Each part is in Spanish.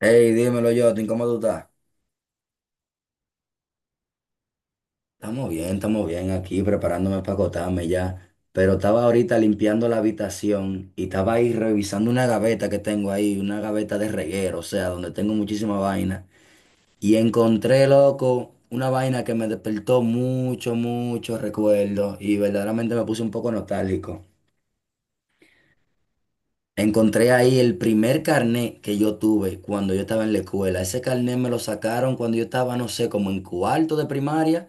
Hey, dímelo, yo. ¿Cómo tú estás? Estamos bien aquí preparándome para acotarme ya. Pero estaba ahorita limpiando la habitación y estaba ahí revisando una gaveta que tengo ahí, una gaveta de reguero, o sea, donde tengo muchísima vaina. Y encontré, loco, una vaina que me despertó mucho, mucho recuerdo y verdaderamente me puse un poco nostálgico. Encontré ahí el primer carnet que yo tuve cuando yo estaba en la escuela. Ese carnet me lo sacaron cuando yo estaba, no sé, como en cuarto de primaria.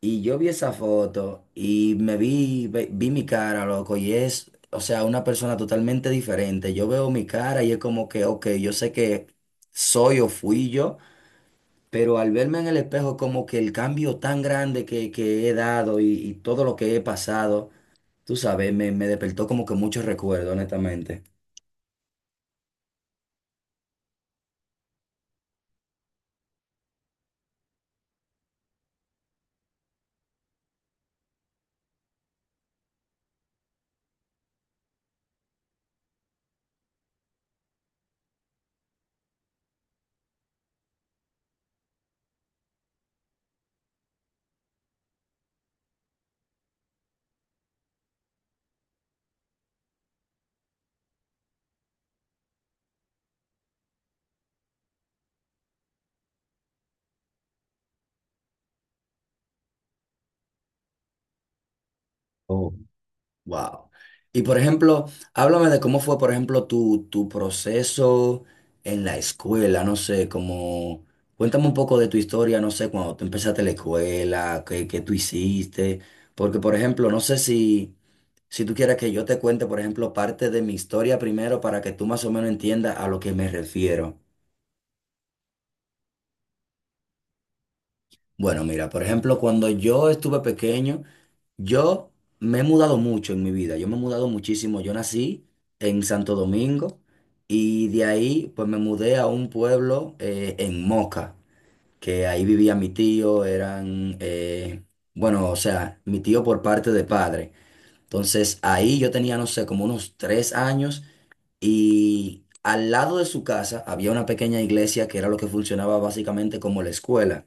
Y yo vi esa foto y me vi, vi mi cara, loco, y es, o sea, una persona totalmente diferente. Yo veo mi cara y es como que, ok, yo sé que soy o fui yo, pero al verme en el espejo, como que el cambio tan grande que he dado y todo lo que he pasado, tú sabes, me despertó como que muchos recuerdos, honestamente. Wow. Y por ejemplo, háblame de cómo fue, por ejemplo, tu proceso en la escuela, no sé, como, cuéntame un poco de tu historia, no sé, cuando tú empezaste la escuela, qué tú hiciste, porque por ejemplo, no sé si, si tú quieres que yo te cuente, por ejemplo, parte de mi historia primero para que tú más o menos entiendas a lo que me refiero. Bueno, mira, por ejemplo, cuando yo estuve pequeño, yo me he mudado mucho en mi vida, yo me he mudado muchísimo. Yo nací en Santo Domingo y de ahí pues me mudé a un pueblo en Moca, que ahí vivía mi tío, eran, bueno, o sea, mi tío por parte de padre. Entonces ahí yo tenía, no sé, como unos 3 años y al lado de su casa había una pequeña iglesia que era lo que funcionaba básicamente como la escuela.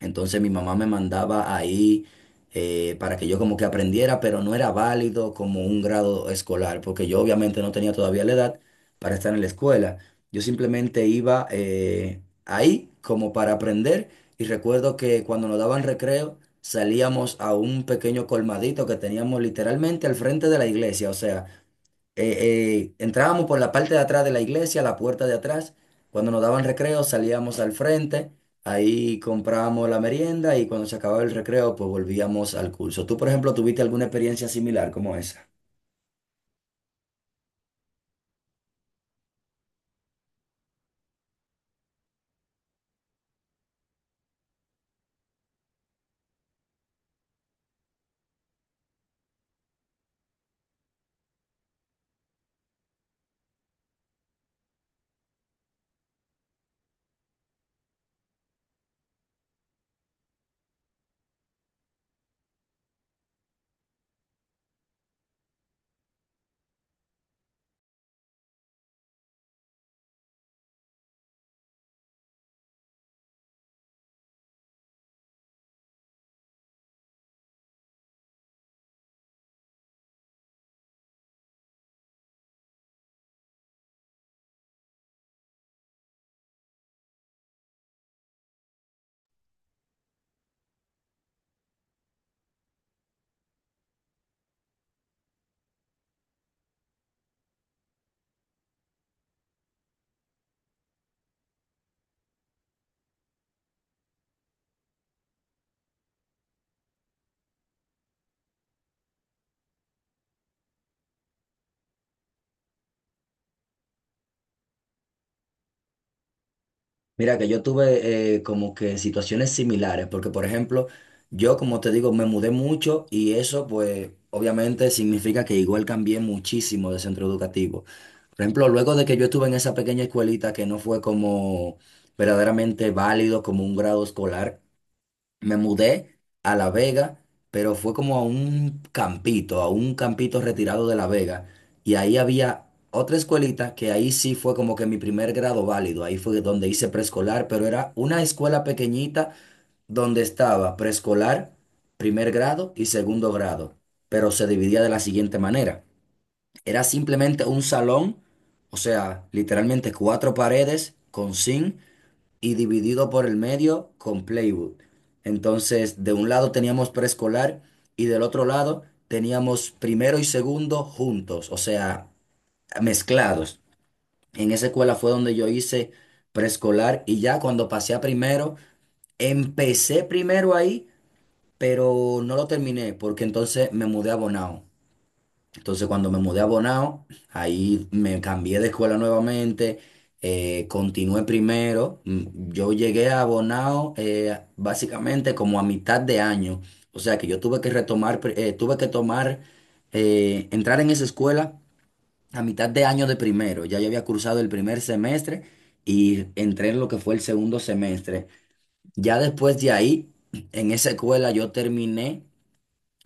Entonces mi mamá me mandaba ahí para que yo como que aprendiera, pero no era válido como un grado escolar, porque yo obviamente no tenía todavía la edad para estar en la escuela. Yo simplemente iba ahí como para aprender y recuerdo que cuando nos daban recreo salíamos a un pequeño colmadito que teníamos literalmente al frente de la iglesia, o sea, eh, entrábamos por la parte de atrás de la iglesia, la puerta de atrás. Cuando nos daban recreo, salíamos al frente, ahí comprábamos la merienda y cuando se acababa el recreo, pues volvíamos al curso. ¿Tú, por ejemplo, tuviste alguna experiencia similar como esa? Mira que yo tuve como que situaciones similares, porque por ejemplo, yo como te digo, me mudé mucho y eso pues obviamente significa que igual cambié muchísimo de centro educativo. Por ejemplo, luego de que yo estuve en esa pequeña escuelita que no fue como verdaderamente válido como un grado escolar, me mudé a La Vega, pero fue como a un campito retirado de La Vega. Y ahí había otra escuelita que ahí sí fue como que mi primer grado válido. Ahí fue donde hice preescolar, pero era una escuela pequeñita donde estaba preescolar, primer grado y segundo grado. Pero se dividía de la siguiente manera. Era simplemente un salón, o sea, literalmente cuatro paredes con zinc y dividido por el medio con Playwood. Entonces, de un lado teníamos preescolar y del otro lado teníamos primero y segundo juntos, o sea, mezclados. En esa escuela fue donde yo hice preescolar y ya cuando pasé a primero, empecé primero ahí, pero no lo terminé porque entonces me mudé a Bonao. Entonces, cuando me mudé a Bonao, ahí me cambié de escuela nuevamente, continué primero. Yo llegué a Bonao básicamente como a mitad de año. O sea que yo tuve que retomar, tuve que tomar, entrar en esa escuela a mitad de año de primero. Ya yo había cursado el primer semestre y entré en lo que fue el segundo semestre. Ya después de ahí, en esa escuela yo terminé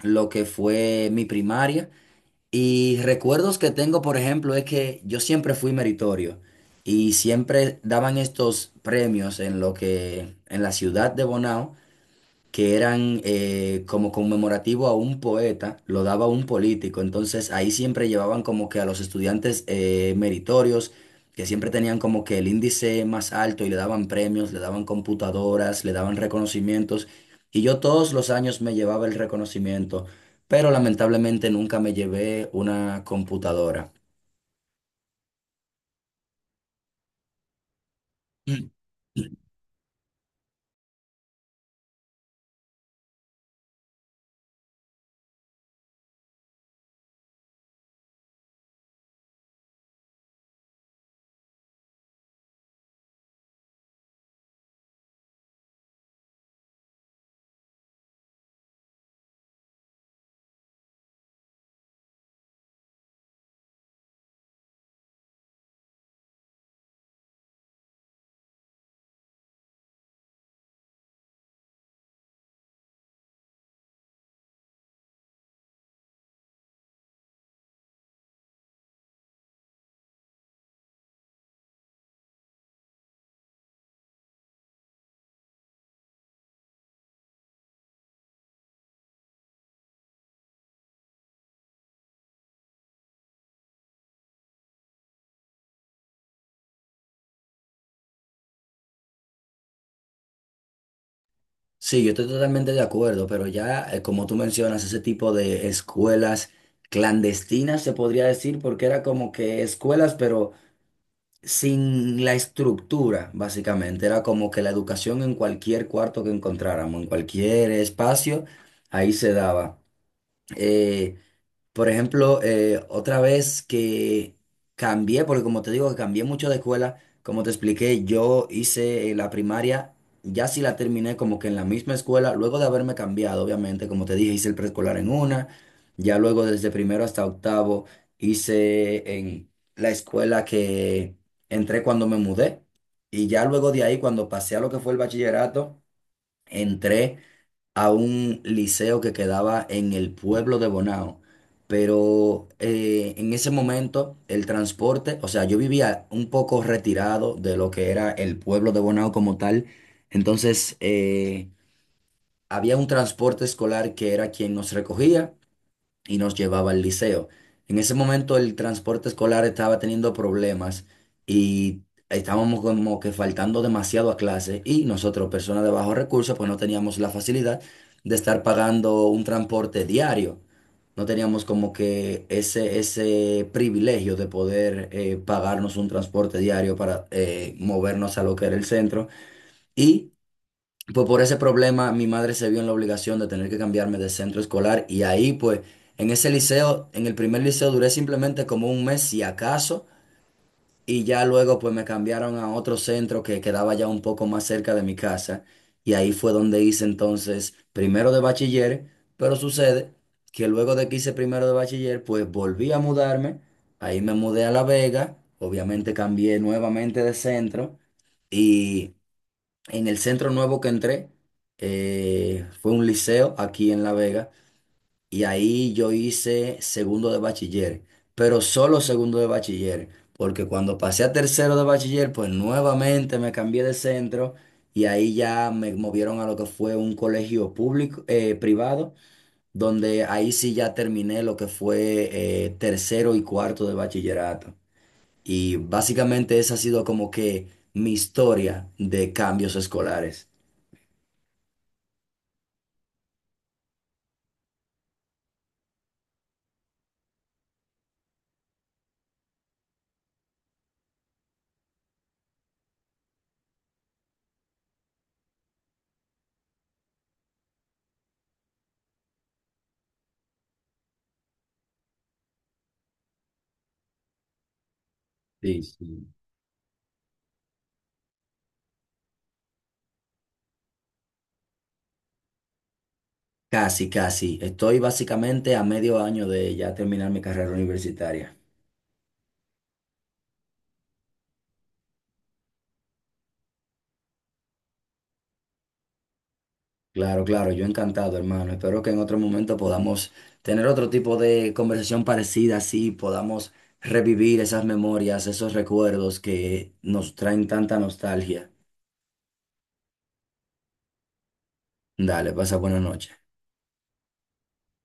lo que fue mi primaria. Y recuerdos que tengo, por ejemplo, es que yo siempre fui meritorio y siempre daban estos premios en lo que en la ciudad de Bonao que eran como conmemorativo a un poeta, lo daba un político. Entonces ahí siempre llevaban como que a los estudiantes meritorios, que siempre tenían como que el índice más alto y le daban premios, le daban computadoras, le daban reconocimientos. Y yo todos los años me llevaba el reconocimiento, pero lamentablemente nunca me llevé una computadora. Sí, yo estoy totalmente de acuerdo, pero ya, como tú mencionas, ese tipo de escuelas clandestinas se podría decir, porque era como que escuelas, pero sin la estructura, básicamente. Era como que la educación en cualquier cuarto que encontráramos, en cualquier espacio, ahí se daba. Eh, por ejemplo, otra vez que cambié, porque como te digo, que cambié mucho de escuela, como te expliqué, yo hice la primaria, ya sí la terminé como que en la misma escuela, luego de haberme cambiado, obviamente, como te dije, hice el preescolar en una, ya luego desde primero hasta octavo hice en la escuela que entré cuando me mudé, y ya luego de ahí, cuando pasé a lo que fue el bachillerato, entré a un liceo que quedaba en el pueblo de Bonao, pero en ese momento el transporte, o sea, yo vivía un poco retirado de lo que era el pueblo de Bonao como tal, entonces había un transporte escolar que era quien nos recogía y nos llevaba al liceo. En ese momento el transporte escolar estaba teniendo problemas y estábamos como que faltando demasiado a clase y nosotros, personas de bajos recursos, pues no teníamos la facilidad de estar pagando un transporte diario. No teníamos como que ese privilegio de poder pagarnos un transporte diario para movernos a lo que era el centro. Y pues por ese problema mi madre se vio en la obligación de tener que cambiarme de centro escolar y ahí pues en ese liceo, en el primer liceo duré simplemente como un mes si acaso y ya luego pues me cambiaron a otro centro que quedaba ya un poco más cerca de mi casa y ahí fue donde hice entonces primero de bachiller, pero sucede que luego de que hice primero de bachiller pues volví a mudarme, ahí me mudé a La Vega, obviamente cambié nuevamente de centro. Y en el centro nuevo que entré, fue un liceo aquí en La Vega y ahí yo hice segundo de bachiller, pero solo segundo de bachiller, porque cuando pasé a tercero de bachiller, pues nuevamente me cambié de centro y ahí ya me movieron a lo que fue un colegio público, privado, donde ahí sí ya terminé lo que fue tercero y cuarto de bachillerato. Y básicamente esa ha sido como que mi historia de cambios escolares. Sí, sí. Casi, casi. Estoy básicamente a medio año de ya terminar mi carrera universitaria. Claro, claro, yo encantado, hermano. Espero que en otro momento podamos tener otro tipo de conversación parecida, así podamos revivir esas memorias, esos recuerdos que nos traen tanta nostalgia. Dale, pasa buena noche.